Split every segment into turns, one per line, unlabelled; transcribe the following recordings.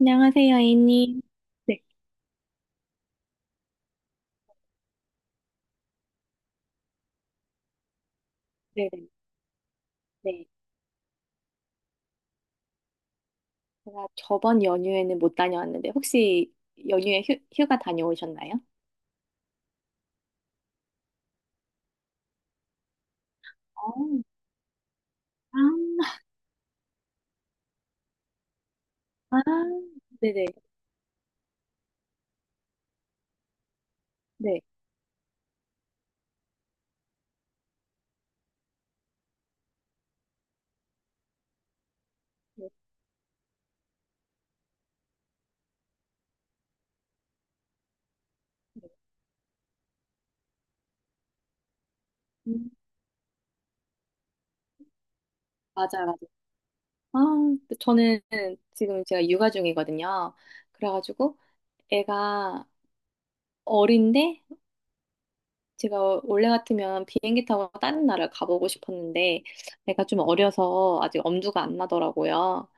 안녕하세요, 애님. 네, 네, 네. 네. 제가 저번 연휴에는 못 다녀왔는데 혹시 연휴에 휴가 다녀오셨나요? 어, 아, 아, 네네. 네. 네. 음, 맞아. 아, 저는 지금 제가 육아 중이거든요. 그래가지고 애가 어린데 제가 원래 같으면 비행기 타고 다른 나라를 가보고 싶었는데 애가 좀 어려서 아직 엄두가 안 나더라고요.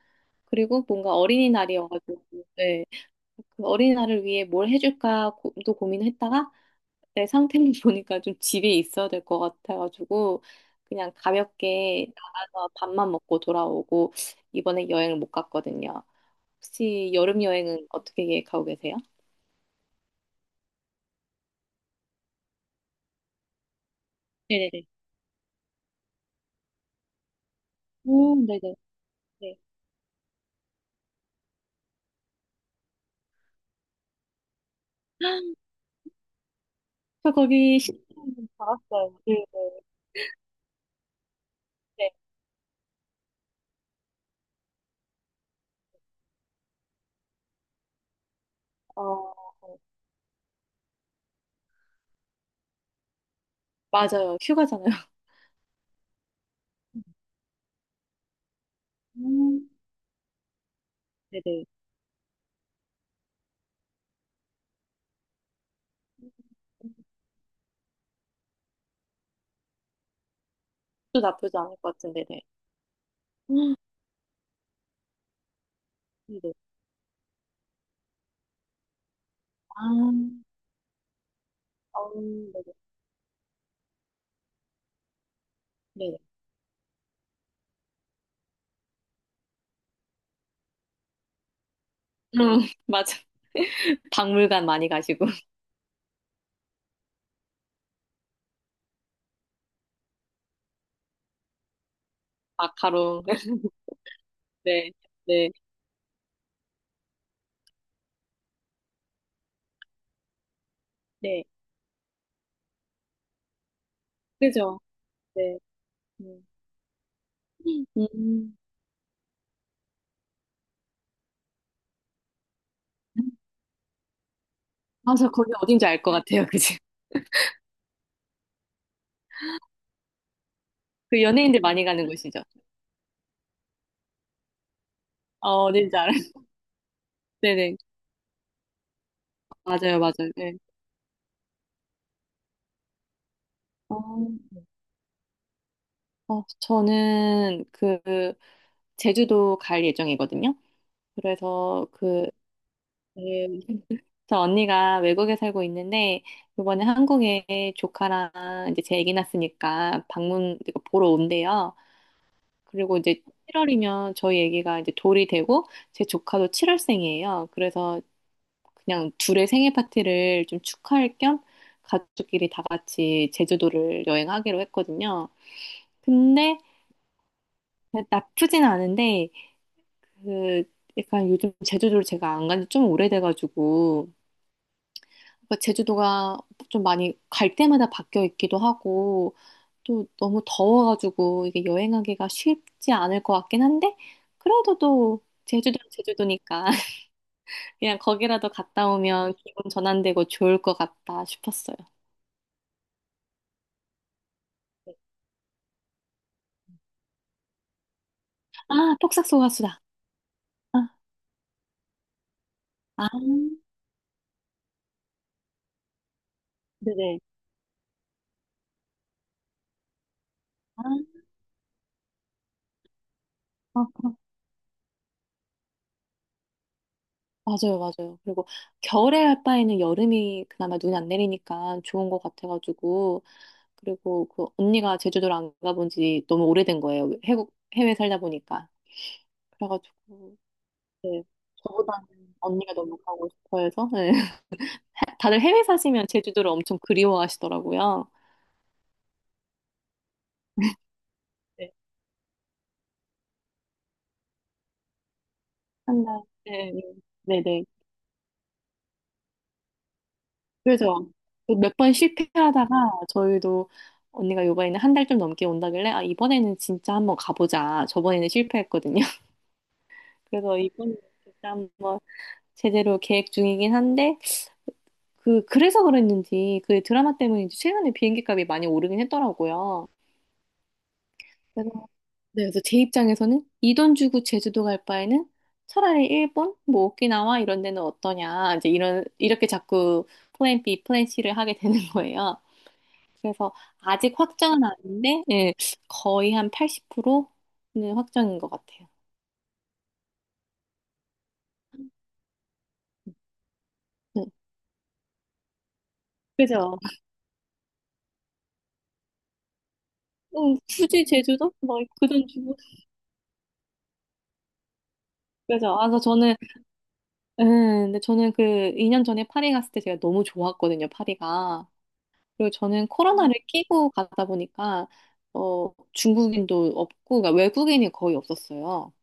그리고 뭔가 어린이날이어가지고 네. 그 어린아이를 위해 뭘 해줄까 고, 또 고민했다가 내 상태를 보니까 좀 집에 있어야 될 것 같아가지고 그냥 가볍게 나가서 밥만 먹고 돌아오고 이번에 여행을 못 갔거든요. 혹시 여름 여행은 어떻게 계획하고 계세요? 네네네. 오, 네네. 네. 저 거기 시간 받았어요. 네네. 네. 네. 어, 맞아요. 휴가잖아요. 음, 네네. 또 나쁘지 않을 것 같은데, 네. 헉, 네네. 아, 어, 네네. 네네. 응, 맞아. 박물관 많이 가시고, 마카롱, 네, 네, 네. 그죠? 네. 음, 음. 맞아. 거기 어딘지 알 것 같아요. 그지 그 연예인들 많이 가는 곳이죠. 어, 어딘지 알아요. 네네. 맞아요, 맞아요. 네. 어, 어, 저는 제주도 갈 예정이거든요. 그래서 그, 네, 저 언니가 외국에 살고 있는데, 이번에 한국에 조카랑 이제 제 아기 낳았으니까 이거 보러 온대요. 그리고 이제 7월이면 저희 애기가 이제 돌이 되고 제 조카도 7월생이에요. 그래서 그냥 둘의 생일 파티를 좀 축하할 겸 가족끼리 다 같이 제주도를 여행하기로 했거든요. 근데 나쁘진 않은데 그 약간 요즘 제주도를 제가 안 간지 좀 오래돼가지고 그러니까 제주도가 좀 많이 갈 때마다 바뀌어 있기도 하고 또 너무 더워가지고 이게 여행하기가 쉽지 않을 것 같긴 한데 그래도 또 제주도는 제주도니까 그냥 거기라도 갔다 오면 기분 전환되고 좋을 것 같다 싶었어요. 아, 폭삭 속가수다 아, 아, 네네. 아, 어, 맞아요, 맞아요. 그리고 겨울에 할 바에는 여름이 그나마 눈이 안 내리니까 좋은 것 같아가지고. 그리고 그 언니가 제주도를 안 가본 지 너무 오래된 거예요. 해외 살다 보니까. 그래가지고, 네. 저보다는 언니가 너무 가고 싶어 해서. 네. 다들 해외 사시면 제주도를 엄청 그리워하시더라고요. 네. 한 달, 네, 네, 네. 그래서 몇 번 실패하다가 저희도 언니가 요번에는 한 달 좀 넘게 온다길래 아 이번에는 진짜 한번 가보자. 저번에는 실패했거든요. 그래서 이번에 진짜 한번 제대로 계획 중이긴 한데 그 그래서 그랬는지 그 드라마 때문인지 최근에 비행기 값이 많이 오르긴 했더라고요. 그래서 네, 그래서 제 입장에서는 이 돈 주고 제주도 갈 바에는 차라리 일본, 뭐 오키나와 이런 데는 어떠냐 이제 이런 이렇게 자꾸 플랜 B, 플랜 C를 하게 되는 거예요. 그래서 아직 확정은 아닌데, 예, 거의 한 80%는 확정인 것 같아요. 네. 그죠? 응, 굳이 제주도? 막그돈 주고. 그죠? 아, 그래서 저는, 근데 저는 그 2년 전에 파리 갔을 때 제가 너무 좋았거든요, 파리가. 그리고 저는 코로나를 끼고 가다 보니까, 어, 중국인도 없고, 그러니까 외국인이 거의 없었어요.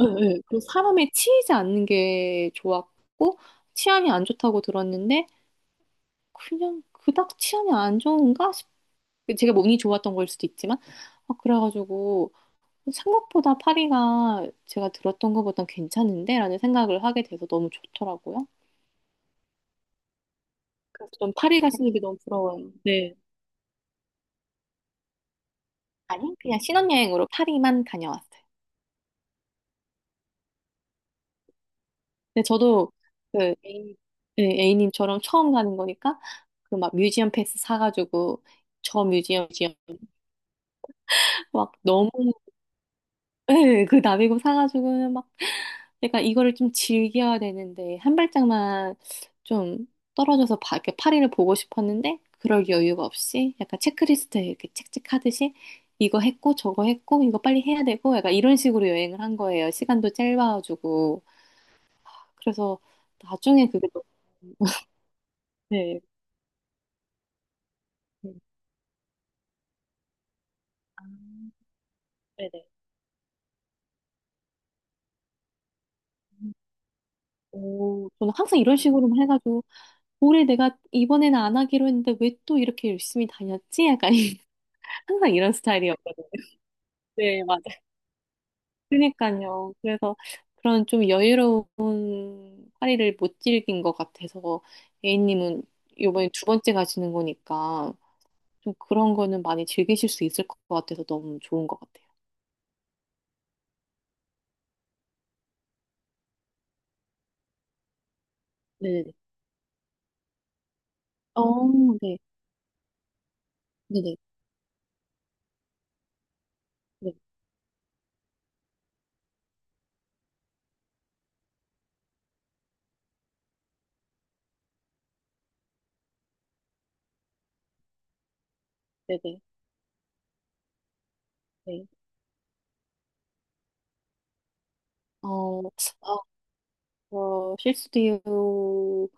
예, 예. 그 사람에 치이지 않는 게 좋았고, 치안이 안 좋다고 들었는데, 그냥 그닥 치안이 안 좋은가 그 제가 뭐 운이 좋았던 걸 수도 있지만 아, 그래가지고 생각보다 파리가 제가 들었던 것보단 괜찮은데 라는 생각을 하게 돼서 너무 좋더라고요. 그래서 좀 파리 가시는 게 너무 부러워요. 네. 아니 그냥 신혼여행으로 파리만 다녀왔어요. 근데 저도 그 A님, 네, A님처럼 처음 가는 거니까 그 막 뮤지엄 패스 사가지고 저 뮤지엄 막 너무 예, 그 나비고 사가지고는 막, 그러 이거를 좀 즐겨야 되는데, 한 발짝만 좀 떨어져서 바, 이렇게 파리를 보고 싶었는데, 그럴 여유가 없이, 약간 체크리스트에 이렇게 책찍하듯이, 이거 했고, 저거 했고, 이거 빨리 해야 되고, 약간 이런 식으로 여행을 한 거예요. 시간도 짧아가지고. 그래서 나중에 그게 또, 네. 아, 네네. 오, 저는 항상 이런 식으로 해가지고, 올해 내가 이번에는 안 하기로 했는데 왜 또 이렇게 열심히 다녔지? 약간 항상 이런 스타일이었거든요. 네, 맞아요. 그러니까요. 그래서 그런 좀 여유로운 파리를 못 즐긴 것 같아서 A님은 이번에 두 번째 가시는 거니까 좀 그런 거는 많이 즐기실 수 있을 것 같아서 너무 좋은 것 같아요. 네네네. 어, 네. 네네. 네. 네네. 네. 어, 어, 실수도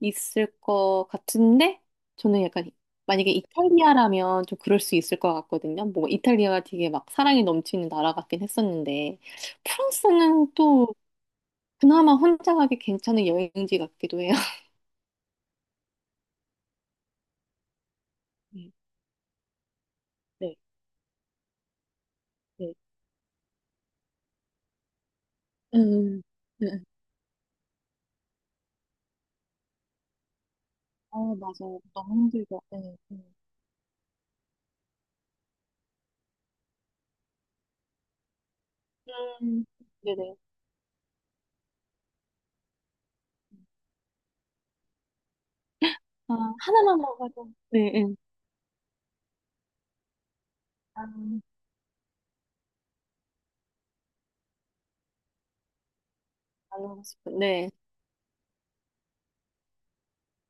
있을 것 같은데, 저는 약간, 만약에 이탈리아라면 좀 그럴 수 있을 것 같거든요. 뭐, 이탈리아가 되게 막 사랑이 넘치는 나라 같긴 했었는데, 프랑스는 또 그나마 혼자 가기 괜찮은 여행지 같기도 해요. 네, 네, 네. 음, 네. 아, 맞아. 너무 힘들죠. 네, 네. 음, 네네. 아, 하나만 먹어도, 네, 네. 아, 안 먹고 싶은, 네.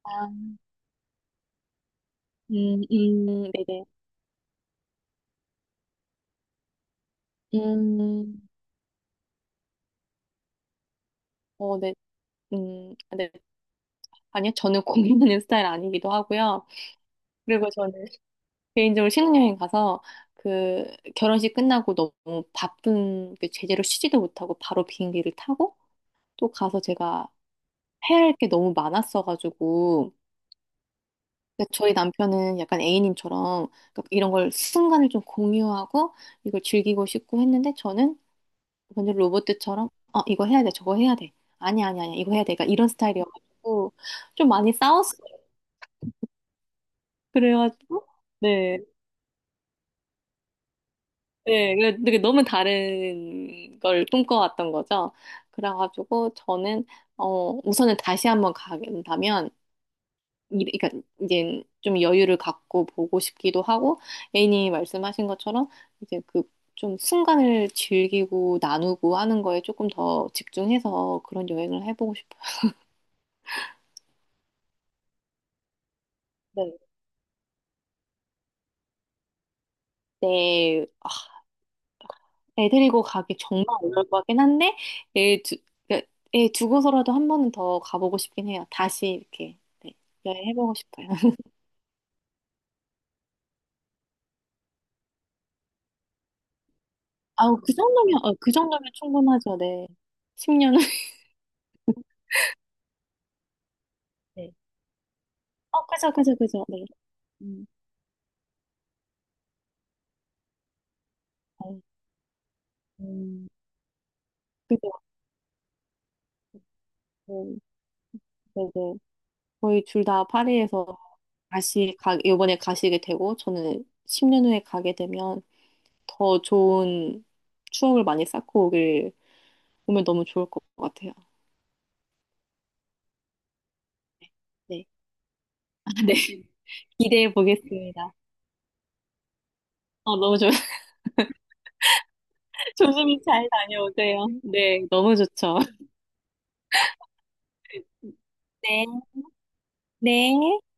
아, 네네. 음, 어, 네, 아, 네. 아니요, 저는 고민하는 스타일 아니기도 하고요. 그리고 저는 개인적으로 신혼여행 가서 그 결혼식 끝나고 너무 바쁜 그 제대로 쉬지도 못하고 바로 비행기를 타고 또 가서 제가 해야 할 게 너무 많았어가지고 그러니까 저희 남편은 약간 A님처럼 그러니까 이런 걸 순간을 좀 공유하고 이걸 즐기고 싶고 했는데 저는 완전 로봇들처럼 어 이거 해야 돼 저거 해야 돼 아니 이거 해야 돼 그러니까 이런 스타일이어가지고 좀 많이 싸웠어요. 그래가지고 네, 네, 그래- 되게 너무 다른 걸 꿈꿔왔던 거죠. 그래가지고 저는 어 우선은 다시 한번 가긴다면 이- 그러니까 이제 좀 여유를 갖고 보고 싶기도 하고 애인이 말씀하신 것처럼 이제 그 좀 순간을 즐기고 나누고 하는 거에 조금 더 집중해서 그런 여행을 해보고 싶어요. 네, 아, 애 데리고 가기 정말 어려울 것 같긴 한데, 애 두, 그러니까 애 두고서라도 한 번은 더 가보고 싶긴 해요. 다시 이렇게, 네, 여행해보고 싶어요. 아우, 그 정도면, 어, 그 정도면 충분하죠, 네. 10년은. 네. 어, 그죠, 네. 음, 아유, 음, 그죠, 음, 네네. 거의 둘 다 파리에서 다시 가, 이번에 가시게 되고, 저는 10년 후에 가게 되면 더 좋은 추억을 많이 쌓고 오길, 오면 너무 좋을 것 같아요. 네. 아, 네. 기대해 보겠습니다. 어, 너무 좋, 조심히 잘 다녀오세요. 네, 너무 좋죠. 네. 네.